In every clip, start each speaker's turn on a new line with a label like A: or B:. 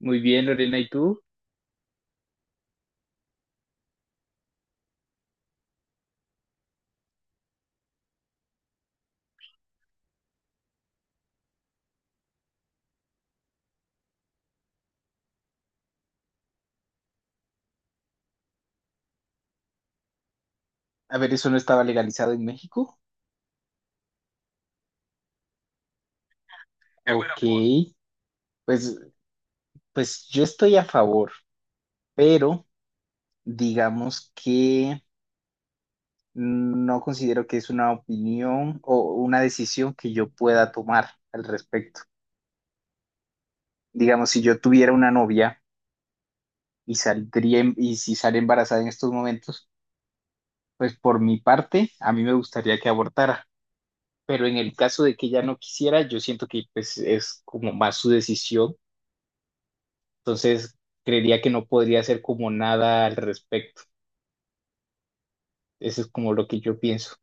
A: Muy bien, Lorena, ¿y tú? A ver, ¿eso no estaba legalizado en México? Qué ok, buena voz. pues, pues yo estoy a favor, pero digamos que no considero que es una opinión o una decisión que yo pueda tomar al respecto. Digamos, si yo tuviera una novia y y si sale embarazada en estos momentos, pues por mi parte, a mí me gustaría que abortara, pero en el caso de que ella no quisiera, yo siento que pues es como más su decisión. Entonces, creería que no podría hacer como nada al respecto. Eso es como lo que yo pienso.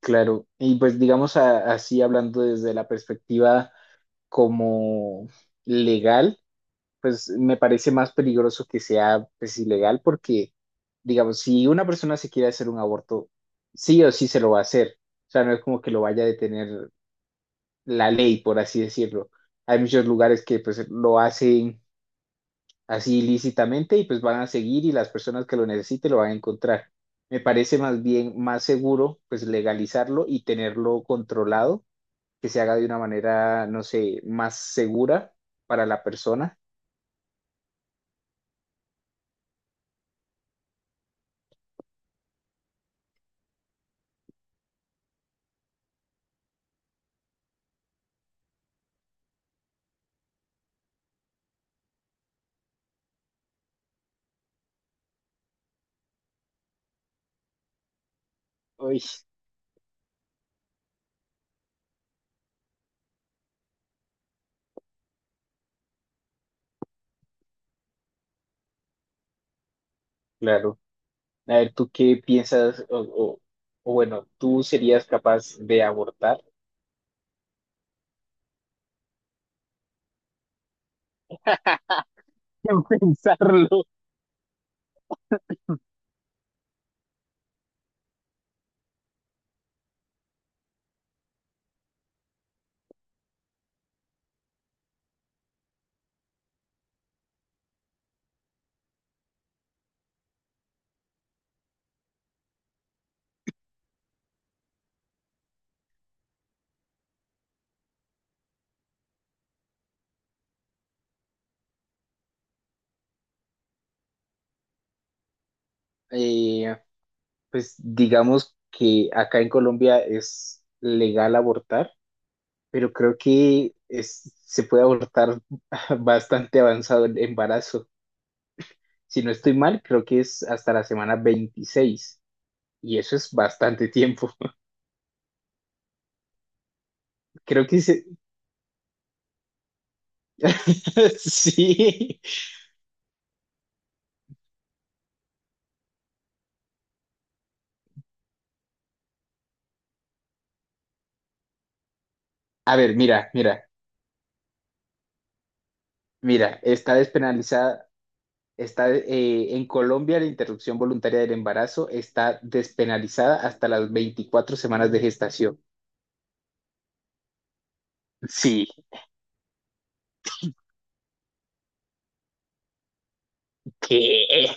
A: Claro, y pues digamos así hablando desde la perspectiva como legal, pues me parece más peligroso que sea pues ilegal porque, digamos, si una persona se quiere hacer un aborto, sí o sí se lo va a hacer. O sea, no es como que lo vaya a detener la ley, por así decirlo. Hay muchos lugares que pues lo hacen así ilícitamente y pues van a seguir, y las personas que lo necesiten lo van a encontrar. Me parece más bien más seguro pues legalizarlo y tenerlo controlado, que se haga de una manera, no sé, más segura para la persona. Uy, claro. A ver, ¿tú qué piensas o bueno, tú serías capaz de abortar? Eh, pues digamos que acá en Colombia es legal abortar. Pero creo que se puede abortar bastante avanzado el embarazo. Si no estoy mal, creo que es hasta la semana 26 y eso es bastante tiempo. Creo que se... Sí. A ver, mira, mira, mira, está despenalizada. Está, en Colombia la interrupción voluntaria del embarazo está despenalizada hasta las 24 semanas de gestación. Sí, ¿qué?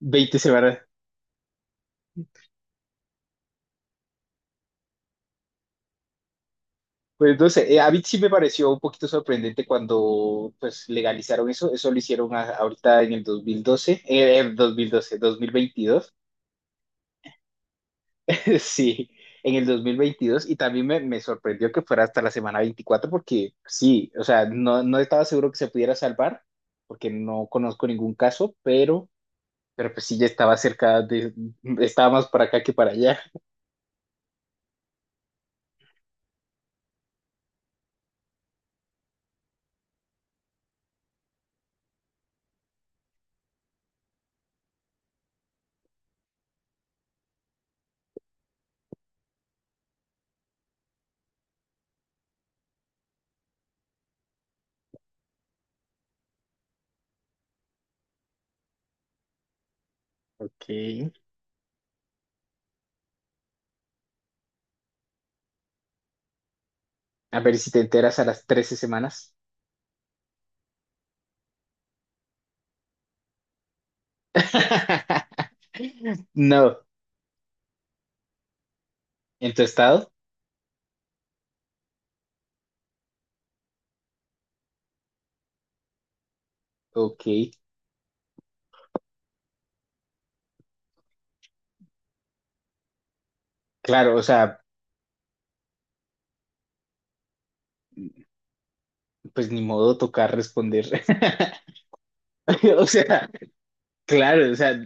A: Veinte semanas. Pues no sé, a mí sí me pareció un poquito sorprendente cuando pues legalizaron eso, eso lo hicieron ahorita en el 2012, en dos mil doce, dos mil veintidós. Sí, en el 2022. Y también me sorprendió que fuera hasta la semana 24, porque sí, o sea, no, no estaba seguro que se pudiera salvar porque no conozco ningún caso, pero, pero sí, ya estaba cerca de, estaba más para acá que para allá. Ok, a ver si te enteras a las trece semanas. No, ¿en tu estado? Ok, claro, o sea, pues ni modo, tocar responder. O sea, claro, o sea,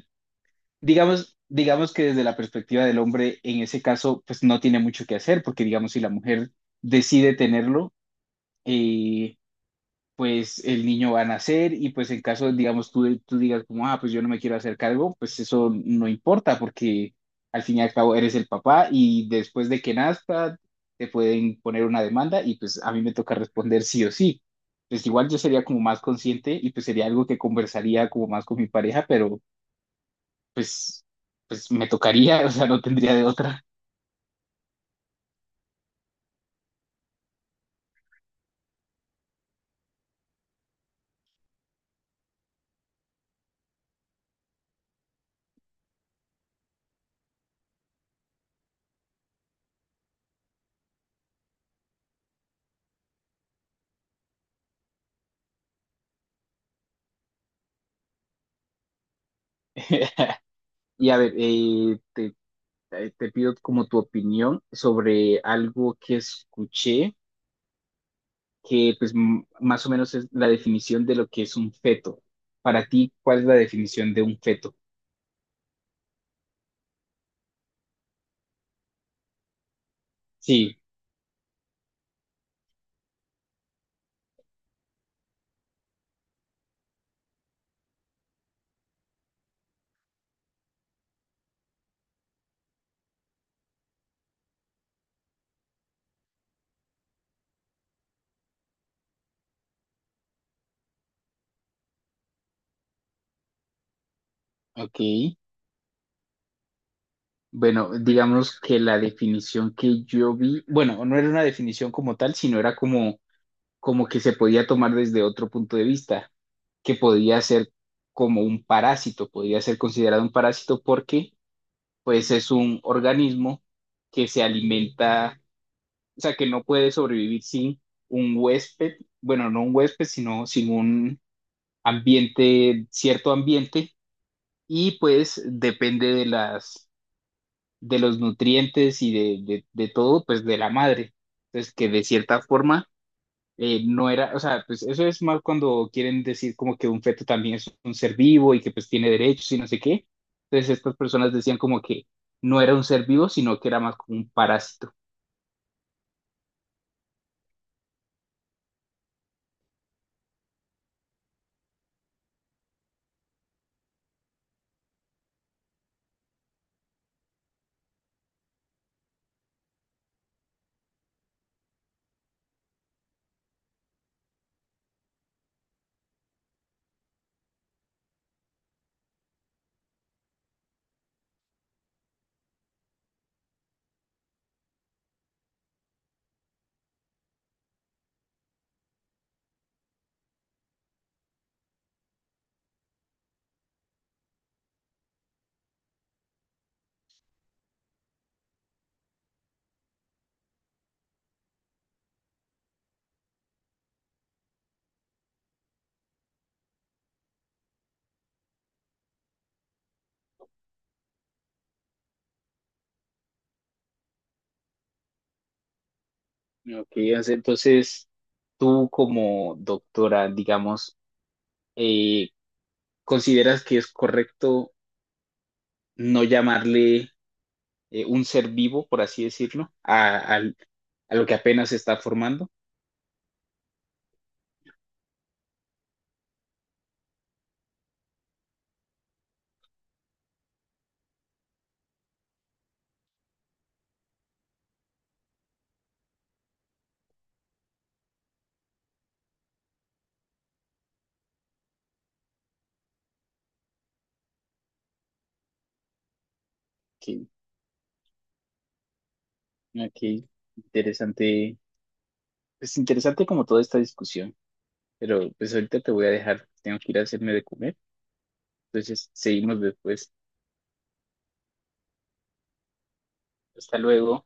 A: digamos que desde la perspectiva del hombre, en ese caso, pues no tiene mucho que hacer, porque digamos, si la mujer decide tenerlo, eh, pues el niño va a nacer, y pues en caso, digamos, tú digas como, ah, pues yo no me quiero hacer cargo, pues eso no importa porque al fin y al cabo eres el papá, y después de que nazca te pueden poner una demanda, y pues a mí me toca responder sí o sí. Pues igual yo sería como más consciente y pues sería algo que conversaría como más con mi pareja, pero pues, me tocaría, o sea, no tendría de otra. Y a ver, te pido como tu opinión sobre algo que escuché, que pues más o menos es la definición de lo que es un feto. Para ti, ¿cuál es la definición de un feto? Sí, ok. Bueno, digamos que la definición que yo vi, bueno, no era una definición como tal, sino era como que se podía tomar desde otro punto de vista, que podía ser como un parásito, podría ser considerado un parásito porque pues es un organismo que se alimenta. O sea, que no puede sobrevivir sin un huésped, bueno, no un huésped, sino sin un ambiente, cierto ambiente, y pues depende de los nutrientes y de todo, pues de la madre. Entonces, que de cierta forma no era, o sea, pues eso es mal cuando quieren decir como que un feto también es un ser vivo y que pues tiene derechos y no sé qué. Entonces, estas personas decían como que no era un ser vivo, sino que era más como un parásito. Ok, o sea, entonces tú como doctora, digamos, eh, ¿consideras que es correcto no llamarle un ser vivo, por así decirlo, a lo que apenas se está formando? Que ok, interesante, es interesante como toda esta discusión, pero pues ahorita te voy a dejar, tengo que ir a hacerme de comer, entonces seguimos después. Hasta luego.